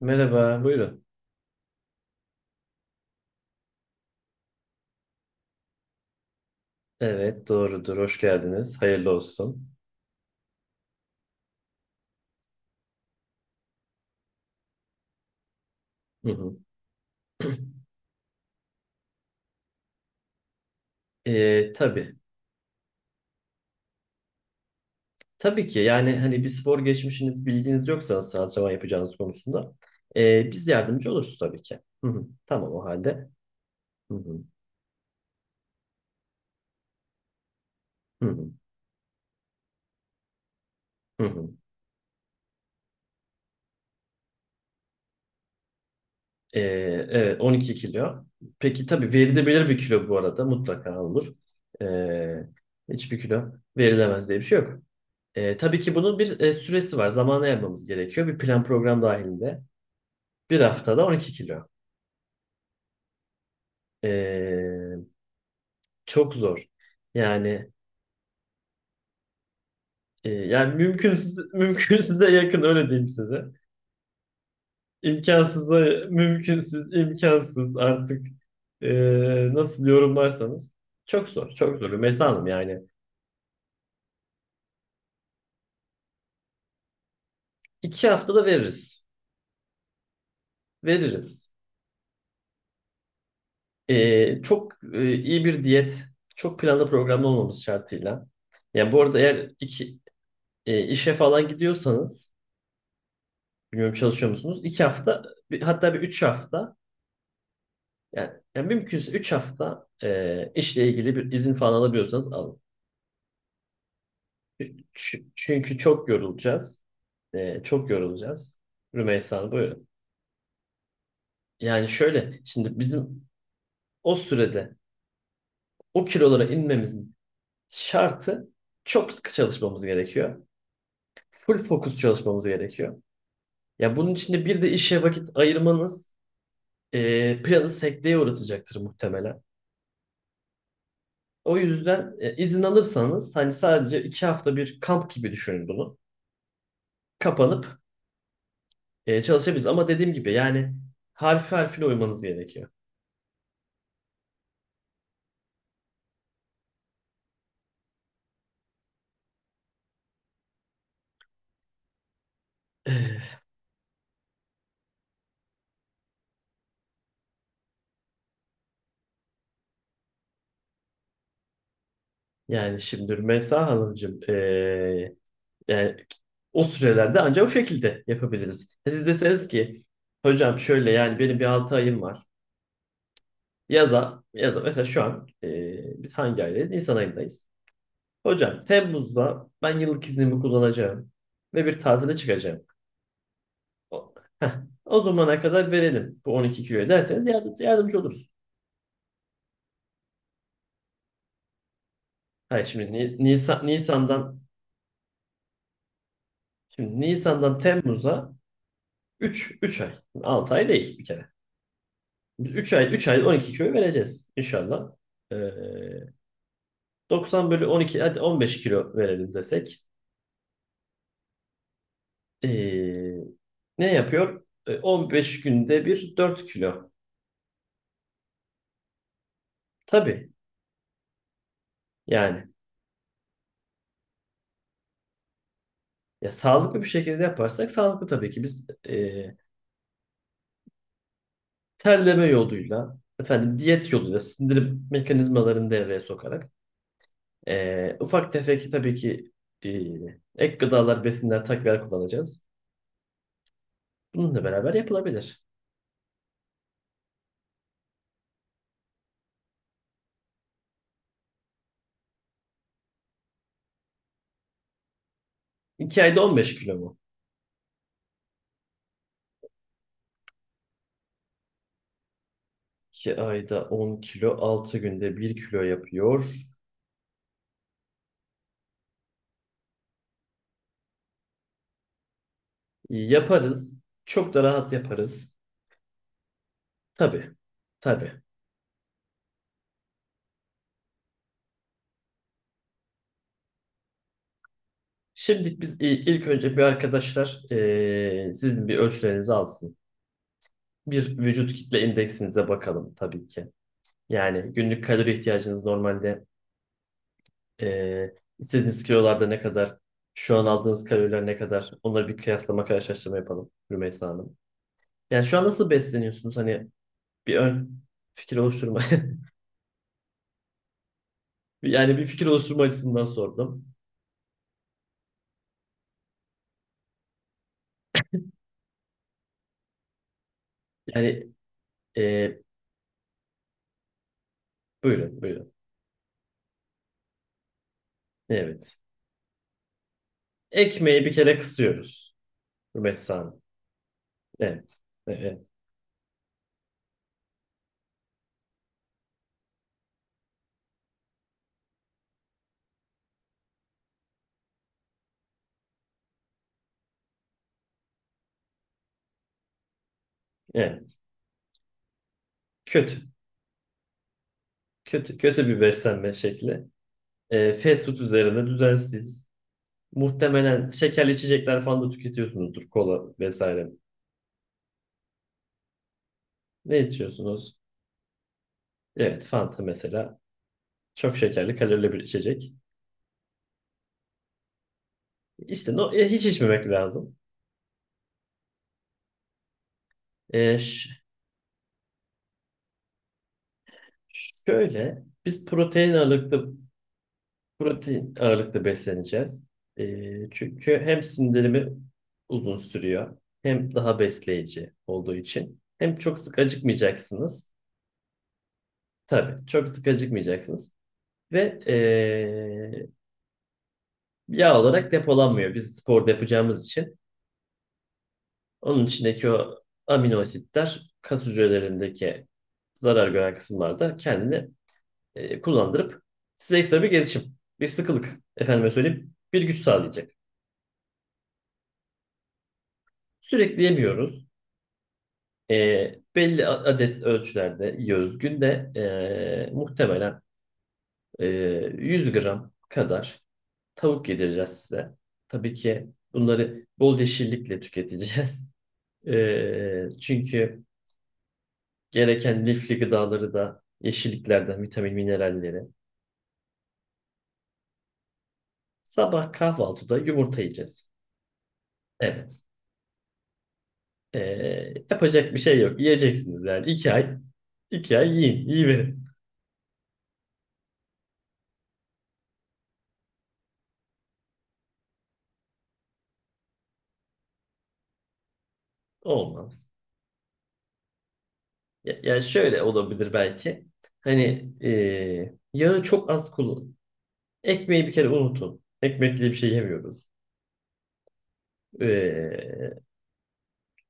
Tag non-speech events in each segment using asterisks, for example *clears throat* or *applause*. Merhaba, buyurun. Evet, doğrudur. Hoş geldiniz. Hayırlı olsun. Hı hı. *clears throat* Tabii. Tabii ki yani hani bir spor geçmişiniz, bilginiz yoksa nasıl antrenman yapacağınız konusunda biz yardımcı oluruz tabii ki. Hı hı. Tamam o halde. Hı hı. Hı hı. Hı hı. Ee, evet 12 kilo. Peki tabii verilebilir bir kilo, bu arada mutlaka olur. Ee, hiçbir kilo verilemez diye bir şey yok. Tabii ki bunun bir süresi var. Zamana yapmamız gerekiyor. Bir plan program dahilinde. Bir haftada 12 kilo. Ee, çok zor. Yani yani mümkünsüz, *laughs* mümkünsüze yakın öyle diyeyim size. İmkansıza, mümkünsüz, imkansız artık, e, nasıl yorumlarsanız. Çok zor, çok zor. Mesela Hanım, yani 2 haftada veririz, veririz. Çok iyi bir diyet, çok planlı programlı olmamız şartıyla. Yani bu arada eğer iki işe falan gidiyorsanız, bilmiyorum, çalışıyor musunuz? 2 hafta, hatta bir 3 hafta. Yani mümkünse 3 hafta işle ilgili bir izin falan alabiliyorsanız alın. Çünkü çok yorulacağız. Çok yorulacağız. Rümeysa Hanım, buyurun. Yani şöyle, şimdi bizim o sürede o kilolara inmemizin şartı, çok sıkı çalışmamız gerekiyor. Full fokus çalışmamız gerekiyor. Ya bunun içinde bir de işe vakit ayırmanız planı sekteye uğratacaktır muhtemelen. O yüzden izin alırsanız, hani sadece 2 hafta bir kamp gibi düşünün bunu, kapanıp çalışabiliriz. Ama dediğim gibi, yani harfi harfine uymanız gerekiyor. *sighs* Yani şimdi Rümeysa Hanımcığım, yani o sürelerde ancak o şekilde yapabiliriz. Siz deseniz ki, "Hocam şöyle, yani benim bir 6 ayım var. Yaza mesela, şu an biz hangi aydayız? Nisan ayındayız. Hocam, Temmuz'da ben yıllık iznimi kullanacağım ve bir tatile çıkacağım." O, heh, o zamana kadar verelim bu 12 kiloyu derseniz, yardımcı oluruz. Hayır, şimdi Nisan'dan. Şimdi Nisan'dan Temmuz'a üç ay. 6 ay değil bir kere. Üç ay, 3 ay 12 kilo vereceğiz inşallah. Ee, 90 bölü on iki, hadi 15 kilo verelim desek. Ee, ne yapıyor? 15 günde bir 4 kilo. Tabii. Yani ya, sağlıklı bir şekilde yaparsak sağlıklı tabii ki. Biz terleme yoluyla, efendim, diyet yoluyla sindirim mekanizmalarını devreye sokarak, ufak tefek tabii ki e, ek gıdalar, besinler, takviyeler kullanacağız. Bununla beraber yapılabilir. 2 ayda 15 kilo mu? 2 ayda 10 kilo, 6 günde bir kilo yapıyor. Yaparız. Çok da rahat yaparız. Tabii, tabii. Şimdi biz ilk önce bir arkadaşlar sizin bir ölçülerinizi alsın. Bir vücut kitle indeksinize bakalım tabii ki. Yani günlük kalori ihtiyacınız normalde, Ee, istediğiniz kilolarda ne kadar, şu an aldığınız kaloriler ne kadar, onları bir kıyaslama, karşılaştırma yapalım Rümeysa Hanım. Yani şu an nasıl besleniyorsunuz? Hani bir ön fikir oluşturma. *laughs* Yani bir fikir oluşturma açısından sordum. Yani e, buyurun, buyurun. Evet. Ekmeği bir kere kısıyoruz Rümeysa Hanım. Evet. Evet. Evet. Kötü. Kötü, kötü bir beslenme şekli. Fast food üzerine, düzensiz. Muhtemelen şekerli içecekler falan da tüketiyorsunuzdur. Kola vesaire. Ne içiyorsunuz? Evet, Fanta mesela. Çok şekerli, kalorili bir içecek. İşte no, hiç içmemek lazım. E, ş- şöyle, biz protein ağırlıklı besleneceğiz. E, çünkü hem sindirimi uzun sürüyor, hem daha besleyici olduğu için, hem çok sık acıkmayacaksınız. Tabii, çok sık acıkmayacaksınız. Ve yağ olarak depolanmıyor. Biz spor da yapacağımız için, onun içindeki o amino asitler kas hücrelerindeki zarar gören kısımlarda kendini kullandırıp, size ekstra bir gelişim, bir sıkılık, efendime söyleyeyim, bir güç sağlayacak. Sürekli yemiyoruz. E, belli adet ölçülerde yiyoruz. Günde muhtemelen 100 gram kadar tavuk yedireceğiz size. Tabii ki bunları bol yeşillikle tüketeceğiz. *laughs* Çünkü gereken lifli gıdaları da yeşilliklerden, vitamin mineralleri. Sabah kahvaltıda yumurta yiyeceğiz. Evet. Ee, yapacak bir şey yok. Yiyeceksiniz yani. 2 ay, 2 ay yiyin. Yiyiverin. Olmaz. Ya, yani şöyle olabilir belki. Hani yağı çok az kullanın. Ekmeği bir kere unutun. Ekmekli bir şey yemiyoruz. Ee,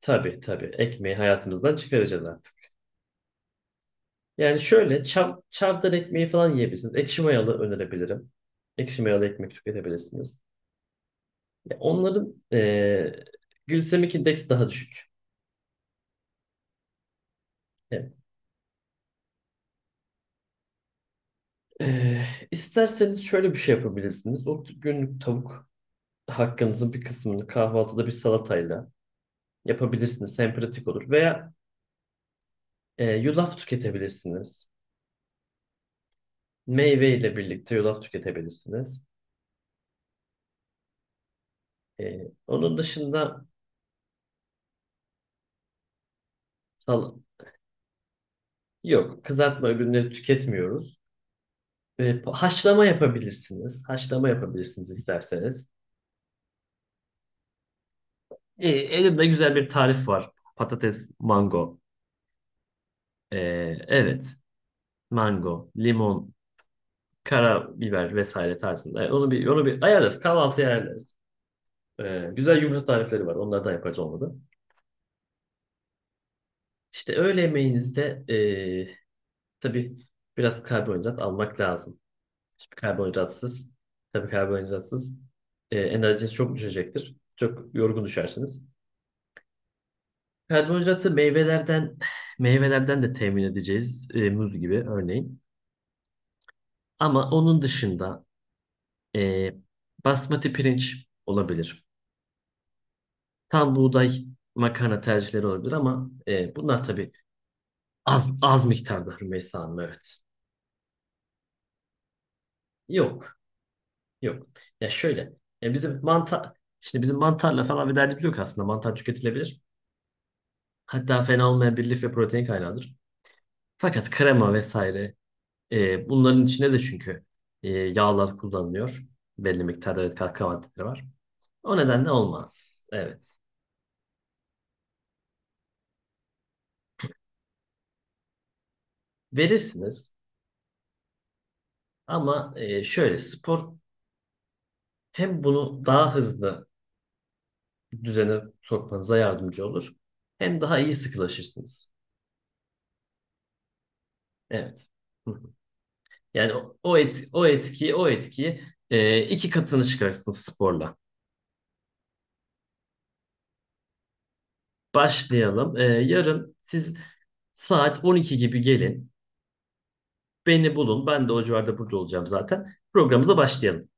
tabii tabii. Ekmeği hayatımızdan çıkaracağız artık. Yani şöyle, çavdar ekmeği falan yiyebilirsiniz. Ekşi mayalı önerebilirim. Ekşi mayalı ekmek tüketebilirsiniz. Ya onların glisemik indeksi daha düşük. Evet. Eee, isterseniz şöyle bir şey yapabilirsiniz. O günlük tavuk hakkınızın bir kısmını kahvaltıda bir salatayla yapabilirsiniz. Hem pratik olur. Veya yulaf tüketebilirsiniz. Meyve ile birlikte yulaf tüketebilirsiniz. Onun dışında, sal- yok, kızartma ürünleri tüketmiyoruz. Haşlama yapabilirsiniz. Haşlama yapabilirsiniz isterseniz. Elimde güzel bir tarif var. Patates, mango. E, evet. Mango, limon, karabiber vesaire tarzında. Onu bir ayarlarız. Kahvaltıya ayarlarız. Güzel yumurta tarifleri var. Onlardan yapacağız, olmadı. İşte öğle yemeğinizde e, tabii biraz karbonhidrat almak lazım. Şimdi karbonhidratsız, tabii karbonhidratsız enerjiniz çok düşecektir. Çok yorgun düşersiniz. Karbonhidratı meyvelerden de temin edeceğiz. Muz gibi örneğin. Ama onun dışında e, basmati pirinç olabilir. Tam buğday makarna tercihleri olabilir, ama bunlar tabii az az miktarda Rümeysa Hanım, evet. Yok. Yok. Ya şöyle. E, bizim mantar şimdi bizim mantarla falan bir derdimiz yok aslında. Mantar tüketilebilir. Hatta fena olmayan bir lif ve protein kaynağıdır. Fakat krema vesaire. Bunların içinde de çünkü yağlar kullanılıyor. Belli miktarda, evet, katkı maddeleri var. O nedenle olmaz. Evet. Verirsiniz, ama şöyle, spor hem bunu daha hızlı düzene sokmanıza yardımcı olur. Hem daha iyi sıkılaşırsınız. Evet. Yani o etkiyi 2 katını çıkarırsınız sporla. Başlayalım. Yarın siz saat 12 gibi gelin. Beni bulun. Ben de o civarda, burada olacağım zaten. Programımıza başlayalım.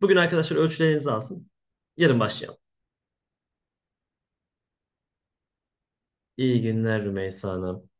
Bugün arkadaşlar ölçülerinizi alsın. Yarın başlayalım. İyi günler Rümeysa Hanım.